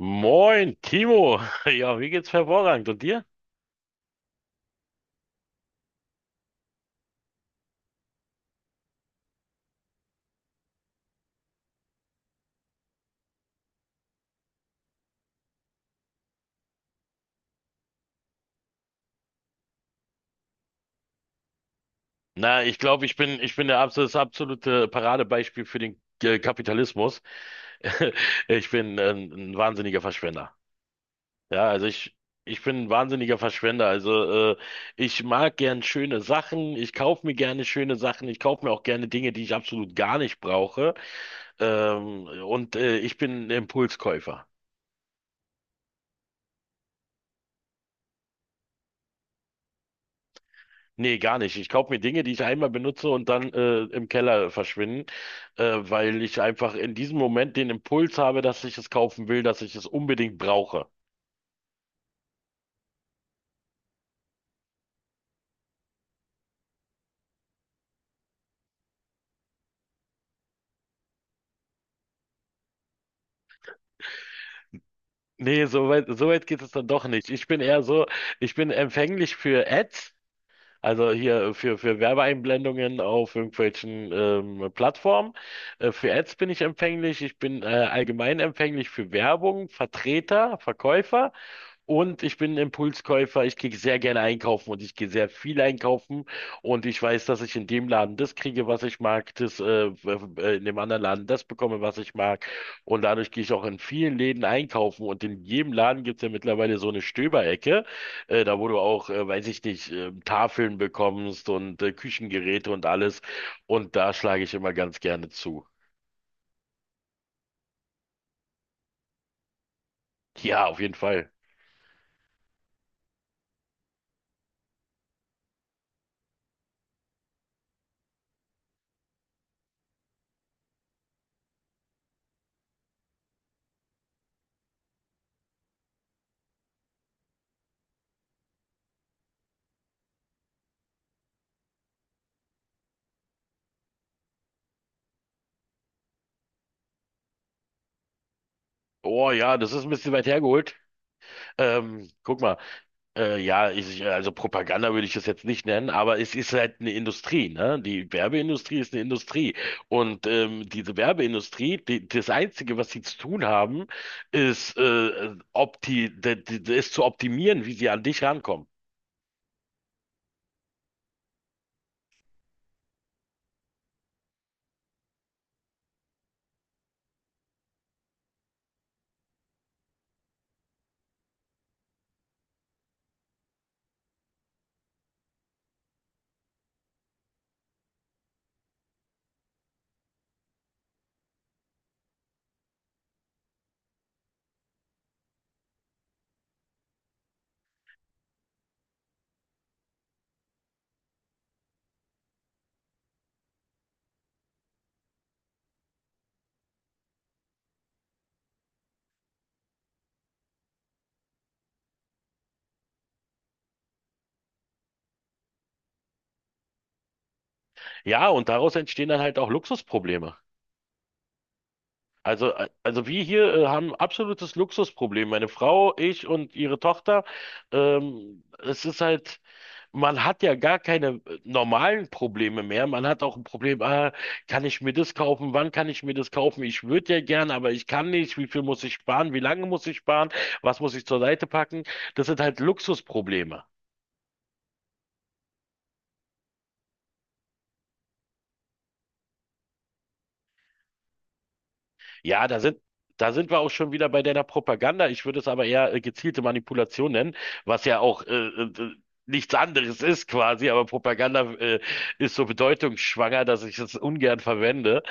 Moin, Timo. Ja, wie geht's hervorragend? Und dir? Na, ich glaube, ich bin der das absolute Paradebeispiel für den Kapitalismus. Ich bin ein wahnsinniger Verschwender. Ja, also ich, ich bin ein wahnsinniger Verschwender. Also ich mag gern schöne Sachen. Ich kaufe mir gerne schöne Sachen. Ich kaufe mir auch gerne Dinge, die ich absolut gar nicht brauche. Ich bin ein Impulskäufer. Nee, gar nicht. Ich kaufe mir Dinge, die ich einmal benutze und dann im Keller verschwinden, weil ich einfach in diesem Moment den Impuls habe, dass ich es kaufen will, dass ich es unbedingt brauche. Nee, so weit geht es dann doch nicht. Ich bin eher so, ich bin empfänglich für Ads, also hier für Werbeeinblendungen auf irgendwelchen Plattformen. Für Ads bin ich empfänglich. Ich bin allgemein empfänglich für Werbung, Vertreter, Verkäufer. Und ich bin ein Impulskäufer, ich gehe sehr gerne einkaufen und ich gehe sehr viel einkaufen und ich weiß, dass ich in dem Laden das kriege, was ich mag, w- in dem anderen Laden das bekomme, was ich mag, und dadurch gehe ich auch in vielen Läden einkaufen, und in jedem Laden gibt's ja mittlerweile so eine Stöberecke, da wo du auch, weiß ich nicht, Tafeln bekommst und Küchengeräte und alles, und da schlage ich immer ganz gerne zu. Ja, auf jeden Fall. Oh ja, das ist ein bisschen weit hergeholt. Guck mal. Also Propaganda würde ich das jetzt nicht nennen, aber es ist halt eine Industrie, ne? Die Werbeindustrie ist eine Industrie. Und diese Werbeindustrie, die, das Einzige, was sie zu tun haben, ist, opti, de, de, de, ist zu optimieren, wie sie an dich rankommen. Ja, und daraus entstehen dann halt auch Luxusprobleme. Also wir hier haben absolutes Luxusproblem. Meine Frau, ich und ihre Tochter. Es ist halt, man hat ja gar keine normalen Probleme mehr. Man hat auch ein Problem, ah, kann ich mir das kaufen? Wann kann ich mir das kaufen? Ich würde ja gern, aber ich kann nicht. Wie viel muss ich sparen? Wie lange muss ich sparen? Was muss ich zur Seite packen? Das sind halt Luxusprobleme. Ja, da sind, da sind wir auch schon wieder bei deiner Propaganda. Ich würde es aber eher gezielte Manipulation nennen, was ja auch nichts anderes ist quasi, aber Propaganda ist so bedeutungsschwanger, dass ich es ungern verwende.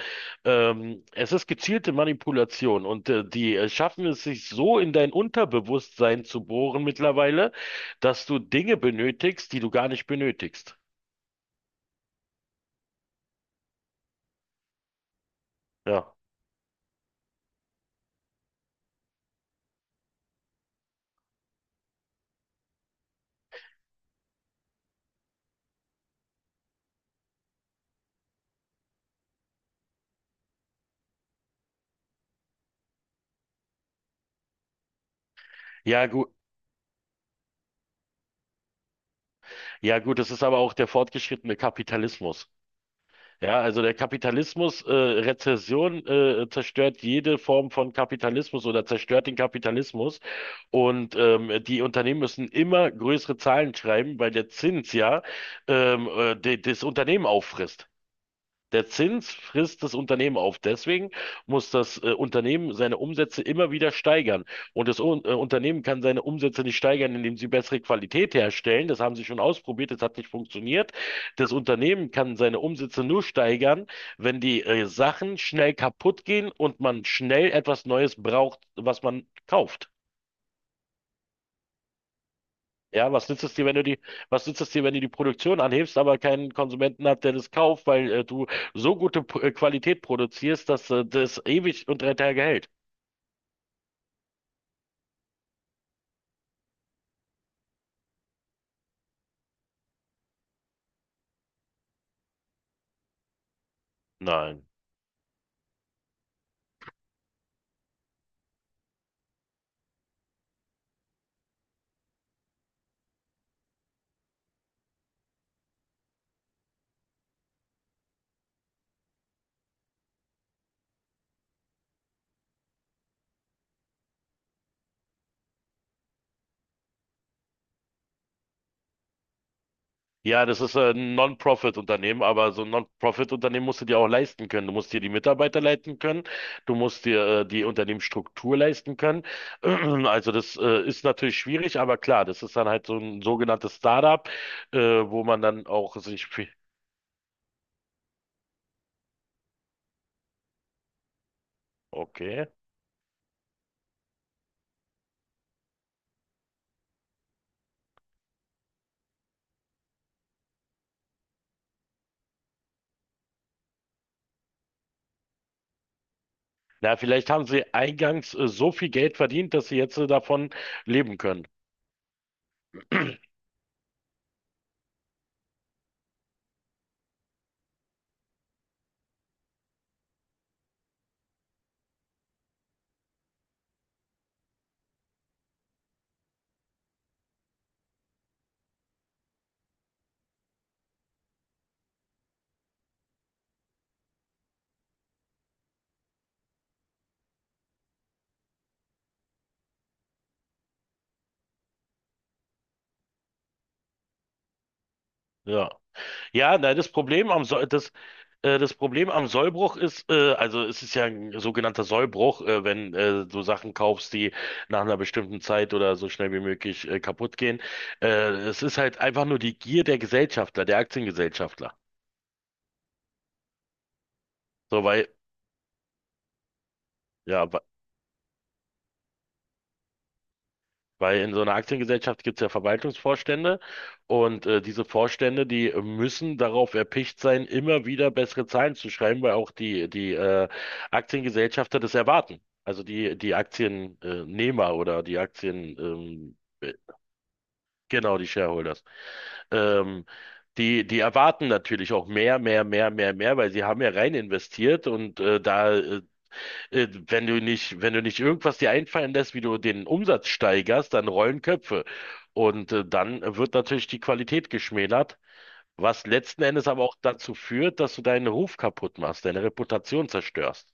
Es ist gezielte Manipulation, und die schaffen es sich so in dein Unterbewusstsein zu bohren mittlerweile, dass du Dinge benötigst, die du gar nicht benötigst. Ja. Ja, gut. Ja, gut, das ist aber auch der fortgeschrittene Kapitalismus. Ja, also der Kapitalismus, Rezession, zerstört jede Form von Kapitalismus oder zerstört den Kapitalismus. Und die Unternehmen müssen immer größere Zahlen schreiben, weil der Zins ja das Unternehmen auffrisst. Der Zins frisst das Unternehmen auf. Deswegen muss das Unternehmen seine Umsätze immer wieder steigern. Und das Unternehmen kann seine Umsätze nicht steigern, indem sie bessere Qualität herstellen. Das haben sie schon ausprobiert, das hat nicht funktioniert. Das Unternehmen kann seine Umsätze nur steigern, wenn die Sachen schnell kaputt gehen und man schnell etwas Neues braucht, was man kauft. Ja, was nützt es dir, wenn du die Produktion anhebst, aber keinen Konsumenten hat, der das kauft, weil du so gute P Qualität produzierst, dass das ewig und drei Tage hält? Nein. Ja, das ist ein Non-Profit-Unternehmen, aber so ein Non-Profit-Unternehmen musst du dir auch leisten können. Du musst dir die Mitarbeiter leisten können, du musst dir die Unternehmensstruktur leisten können. Also das ist natürlich schwierig, aber klar, das ist dann halt so ein sogenanntes Startup, wo man dann auch sich... viel- Okay. Na, vielleicht haben sie eingangs so viel Geld verdient, dass sie jetzt davon leben können. Ja. Ja, na, das Problem am Sollbruch ist, also es ist ja ein sogenannter Sollbruch, wenn du Sachen kaufst, die nach einer bestimmten Zeit oder so schnell wie möglich kaputt gehen. Äh, Es ist halt einfach nur die Gier der Gesellschafter, der Aktiengesellschafter. So, ja, Weil in so einer Aktiengesellschaft gibt es ja Verwaltungsvorstände, und diese Vorstände, die müssen darauf erpicht sein, immer wieder bessere Zahlen zu schreiben, weil auch die Aktiengesellschafter das erwarten. Also die Aktiennehmer oder genau, die Shareholders. Ähm, Die erwarten natürlich auch mehr, weil sie haben ja rein investiert, und da Wenn du nicht, wenn du nicht irgendwas dir einfallen lässt, wie du den Umsatz steigerst, dann rollen Köpfe. Und dann wird natürlich die Qualität geschmälert, was letzten Endes aber auch dazu führt, dass du deinen Ruf kaputt machst, deine Reputation zerstörst.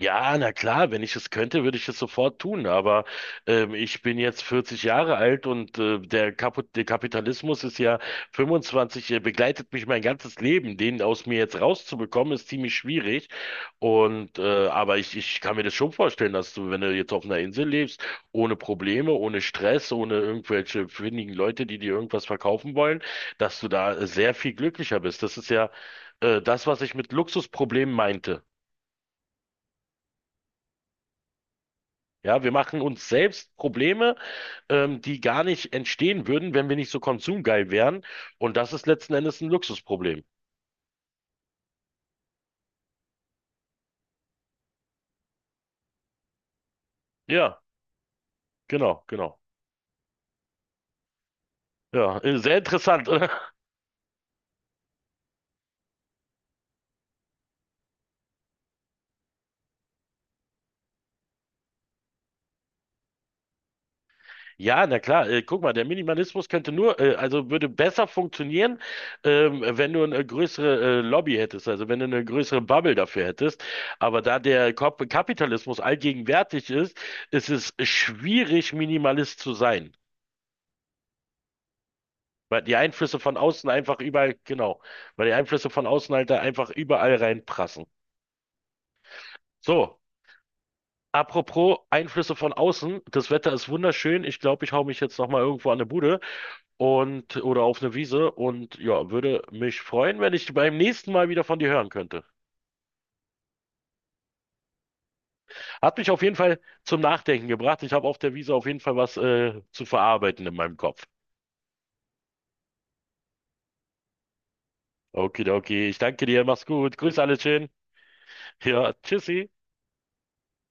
Ja, na klar, wenn ich es könnte, würde ich es sofort tun. Aber ich bin jetzt 40 Jahre alt, und der Kapitalismus ist ja 25, begleitet mich mein ganzes Leben. Den aus mir jetzt rauszubekommen, ist ziemlich schwierig. Und aber ich kann mir das schon vorstellen, dass du, wenn du jetzt auf einer Insel lebst, ohne Probleme, ohne Stress, ohne irgendwelche findigen Leute, die dir irgendwas verkaufen wollen, dass du da sehr viel glücklicher bist. Das ist ja das, was ich mit Luxusproblemen meinte. Ja, wir machen uns selbst Probleme, die gar nicht entstehen würden, wenn wir nicht so konsumgeil wären. Und das ist letzten Endes ein Luxusproblem. Ja, genau, genau. Ja, sehr interessant, oder? Ja, na klar. Guck mal, der Minimalismus könnte nur, also würde besser funktionieren, wenn du eine größere Lobby hättest, also wenn du eine größere Bubble dafür hättest. Aber da der Kapitalismus allgegenwärtig ist, ist es schwierig, Minimalist zu sein. Weil die Einflüsse von außen einfach überall, genau, weil die Einflüsse von außen halt da einfach überall reinprassen. So, apropos Einflüsse von außen, das Wetter ist wunderschön. Ich glaube, ich hau mich jetzt nochmal irgendwo an eine Bude und oder auf eine Wiese, und ja, würde mich freuen, wenn ich beim nächsten Mal wieder von dir hören könnte. Hat mich auf jeden Fall zum Nachdenken gebracht. Ich habe auf der Wiese auf jeden Fall was zu verarbeiten in meinem Kopf. Okidoki, ich danke dir, mach's gut. Grüß alle schön. Ja, tschüssi.